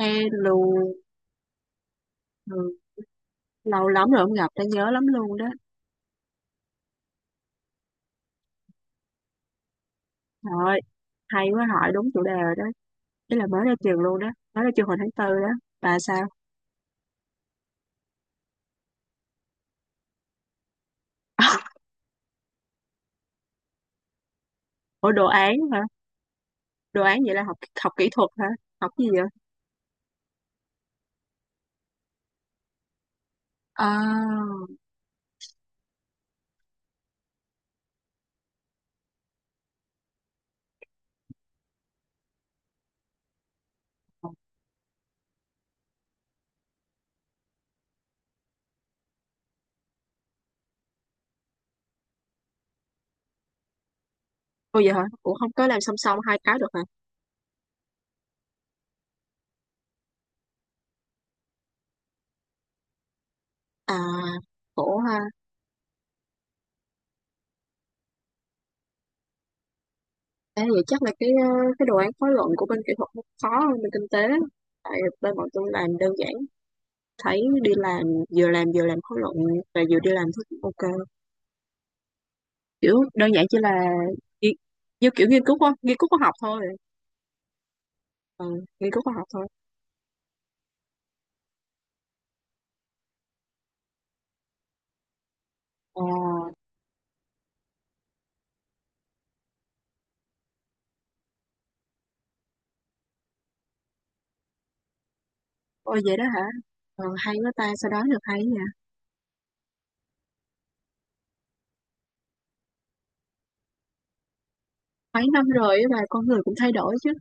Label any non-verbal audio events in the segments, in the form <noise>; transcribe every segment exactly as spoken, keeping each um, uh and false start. Hello, ừ. Lâu lắm rồi không gặp, đã nhớ lắm luôn đó. Trời ơi, hay quá hỏi đúng chủ đề rồi đó. Ý là mới ra trường luôn đó, mới ra trường hồi tháng tư đó. Bà sao? <laughs> Ủa đồ án hả? Đồ án vậy là học học kỹ thuật hả? Học cái gì vậy? À, ủa vậy hả? Ủa không có làm song song hai cái được hả? À, khổ ha. Thế vậy chắc là cái ờ, cái đồ án khóa luận của bên kỹ thuật nó khó hơn bên kinh tế. Tại bên bọn tôi làm đơn giản, thấy đi làm vừa làm vừa làm khóa luận và vừa đi làm thấy cũng ok. Kiểu đơn giản chỉ là nghi- như kiểu nghiên cứu khoa nghiên cứu khoa học thôi. ừ, Nghiên cứu khoa học thôi. ờ, Ôi vậy đó hả. Ờ, hay quá ta sao đó được hay nha. Mấy năm rồi á mà con người cũng thay đổi chứ.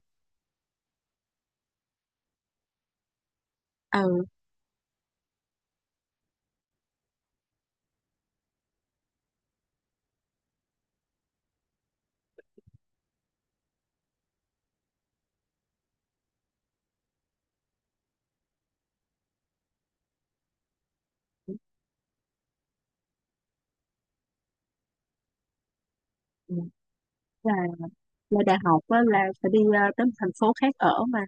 Ừ, ừ. là là đại học á, là phải đi ờ, tới một thành phố khác ở mà.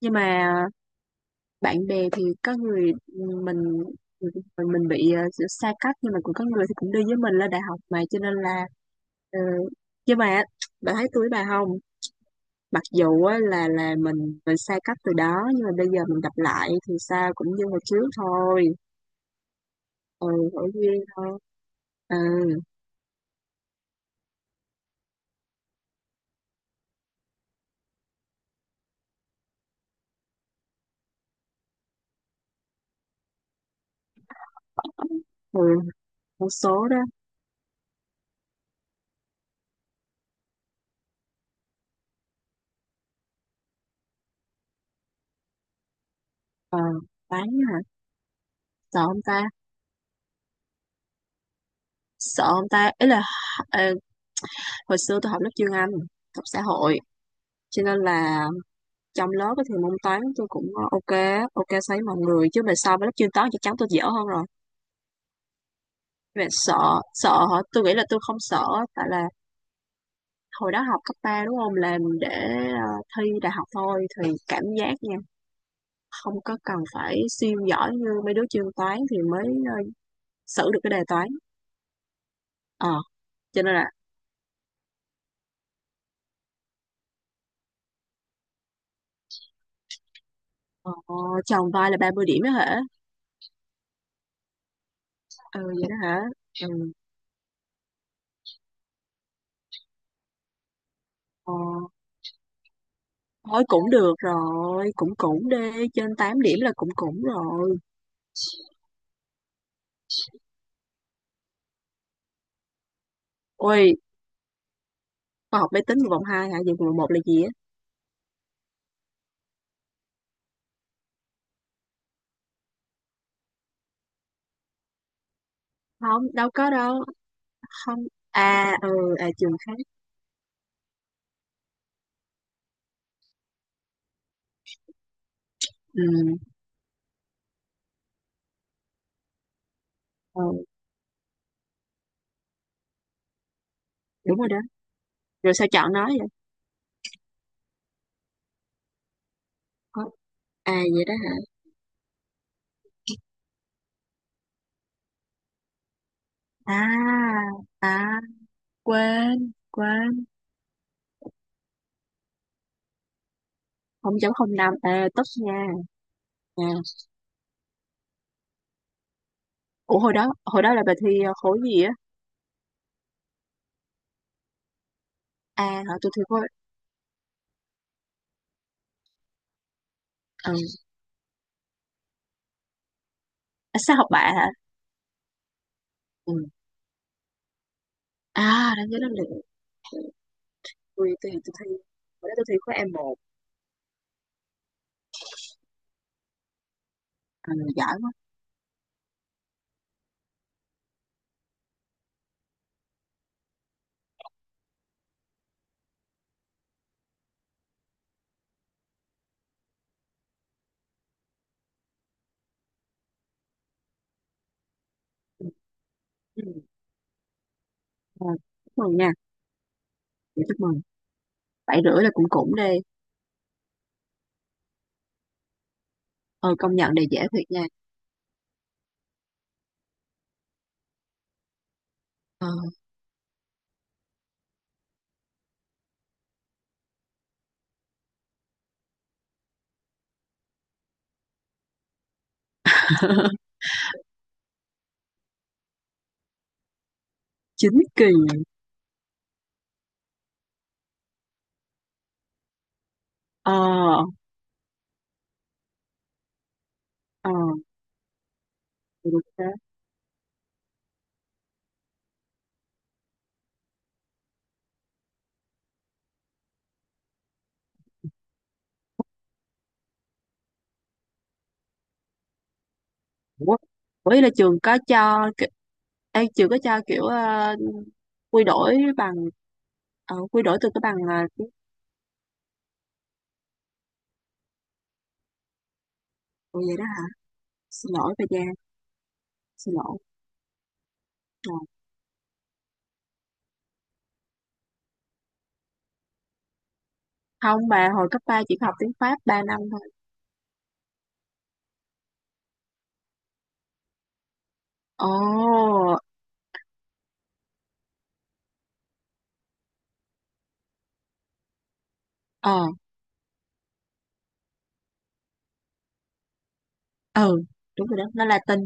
Nhưng mà bạn bè thì có người ừ, mình mình mình bị ờ, xa cách nhưng mà cũng có người thì cũng đi với mình lên đại học mà cho nên là ờ, nhưng mà bạn thấy tôi với bà không, mặc dù á, là là mình mình xa cách từ đó nhưng mà bây giờ mình gặp lại thì sao cũng như hồi trước thôi. Ừ, ngẫu nhiên thôi. Ừ, ừ, một số đó. ờ bán hả. sợ ông ta Sợ ông ta ý là ờ, hồi xưa tôi học lớp chuyên Anh, học xã hội, cho nên là trong lớp á thì môn toán tôi cũng ok. Ok so với mọi người, chứ mà so với lớp chuyên toán chắc chắn tôi dở hơn rồi. Về sợ, sợ hả, tôi nghĩ là tôi không sợ. Tại là hồi đó học cấp ba đúng không, làm để ờ, thi đại học thôi thì cảm giác nha, không có cần phải siêu giỏi như mấy đứa chuyên toán thì mới ờ, xử được cái đề toán. ờ cho nên là ờ, tròn vai là ba mươi điểm đó hả. Ừ vậy đó hả. Ừ, ờ, thôi cũng được rồi, cũng cũng đi trên tám điểm là cũng cũng rồi. Ôi khoa học máy tính một vòng hai hả, vậy vòng một là gì á. Không đâu có đâu. Không. À, ừ. À, trường khác. Ừ, ừ đúng rồi đó. Rồi sao chọn nó vậy. Ờ, à vậy đó hả. À, à, quên quên. Không chấm không năm à, tốt nha. À, ủa, hồi đó hồi đó là bà thi ờ, khối gì á. À hả, tôi thi khối. ừ À, sao học bạ hả. Ừ. À, đáng nhớ lắm liền. Tôi tôi tôi thi hồi đó tôi thi khối m một. À, giỏi quá. Ừ. À, chúc mừng nha. Dạ, chúc mừng. Bảy rưỡi là cũng cũng đi. ờ Công nhận đề dễ thiệt nha. Ờ. <laughs> Chín kỳ. ờ ờ Được thế. Ủa, Ủa ý là trường có cho ki- ê, trường có cho kiểu ờ, quy đổi bằng. Ờ, quy đổi từ cái bằng. Uh, tiếng Ủa vậy đó hả? Xin lỗi bà Giang, xin lỗi. Ờ. Không, bà hồi cấp ba chỉ học tiếng Pháp ba năm thôi. Ồ. ờ, ừ, đúng rồi đó, nó Latin.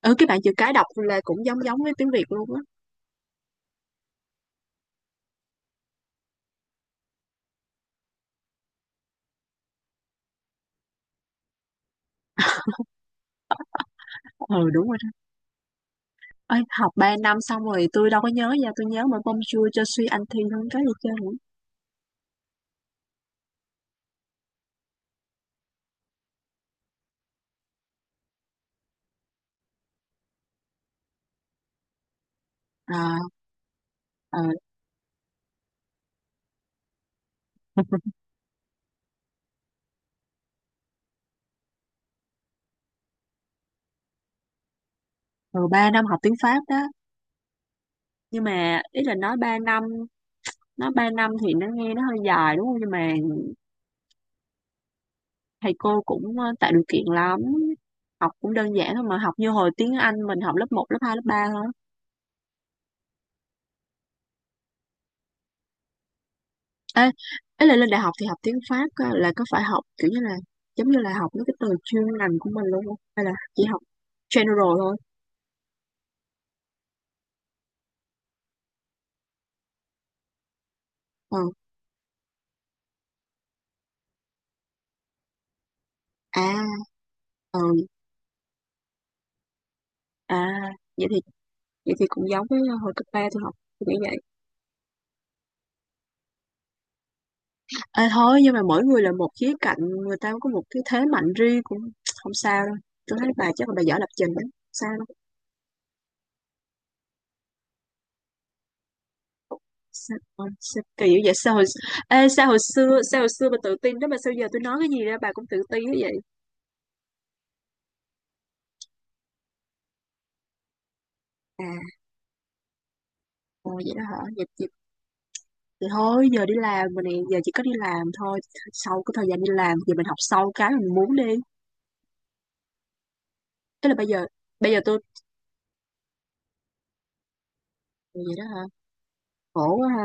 Ừ, cái bạn chữ cái đọc là cũng giống giống với tiếng Việt luôn á. Ừ, đúng rồi đó. Ê, học ba năm xong rồi tôi đâu có nhớ nha, tôi nhớ mà bonjour cho suy anh thi không có gì chơi nữa. À. ờ, <laughs> Rồi ba năm học tiếng Pháp đó, nhưng mà ý là nói ba năm nói ba năm thì nó nghe nó hơi dài đúng không, nhưng mà thầy cô cũng ờ, tạo điều kiện lắm, học cũng đơn giản thôi mà, học như hồi tiếng Anh mình học lớp một lớp hai lớp ba thôi. Ê, ấy là lên đại học thì học tiếng Pháp á, là có phải học kiểu như là giống như là học mấy cái từ chuyên ngành của mình luôn không hay là chỉ học general thôi. ờ à ờ À, vậy thì vậy thì cũng giống với hồi cấp ba tôi học, tôi nghĩ. Ê, thôi nhưng mà mỗi người là một khía cạnh, người ta có một cái thế mạnh riêng cũng không sao đâu. Tôi thấy bà chắc là bà giỏi lập trình đó. Sao đâu, sao, ờ, sao kỳ dữ vậy, sao hồi, ê, sao hồi xưa sao hồi xưa bà tự tin đó mà sao giờ tôi nói cái gì ra bà cũng tự tin thế vậy. À, ồ, vậy đó hả, vậy, vậy, thì thôi giờ đi làm mà nè, giờ chỉ có đi làm thôi, sau cái thời gian đi làm thì mình học sâu cái mình muốn đi. Tức là bây giờ, bây giờ tôi vậy đó hả. Khổ quá ha.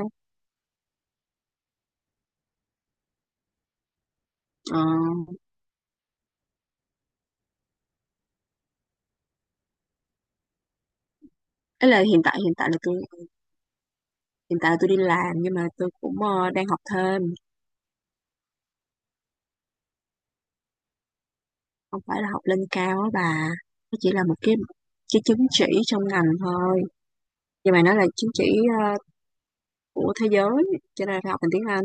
Ờ, ấy là hiện tại, hiện tại là tôi hiện tại tôi đi làm nhưng mà tôi cũng ờ, đang học thêm, không phải là học lên cao á bà. Nó chỉ là một cái cái chứng chỉ trong ngành thôi. Nhưng mà nó là chứng chỉ ờ, của thế giới cho nên phải học bằng tiếng Anh.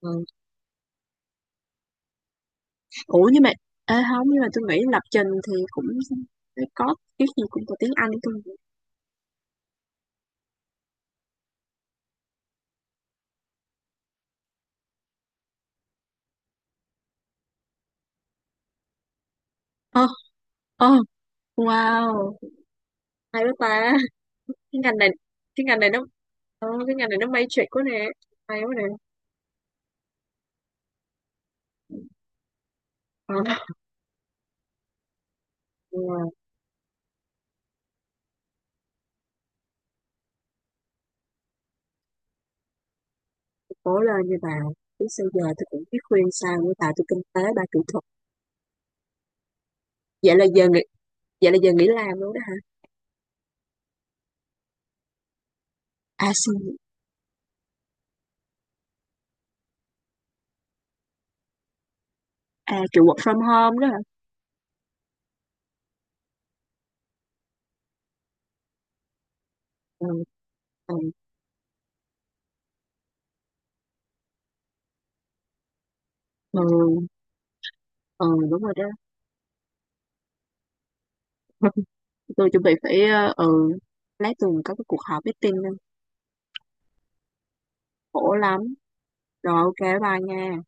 Ừ. Ủa, nhưng mà ê, không, nhưng mà tôi nghĩ lập trình thì cũng có cái gì cũng có tiếng Anh tôi. Ờ. Ờ, wow, hay quá ta. Cái ngành này cái ngành này nó ờ, cái ngành này nó matrix quá nè. Hay quá nè. Ờ. Ừ. Cố lên như bà. Chứ sao giờ tôi cũng biết khuyên sao với bà, tôi kinh tế bà kỹ thuật. vậy là giờ nghỉ Vậy là giờ nghỉ làm luôn đó hả. À xin. À kiểu work from home đó hả. Ừ. Ừ. Ừ, ừ đúng rồi đó. <laughs> Tôi chuẩn bị phải ờ, ừ lát tuần có cái cuộc họp meeting nữa. Khổ lắm rồi ok bye nha.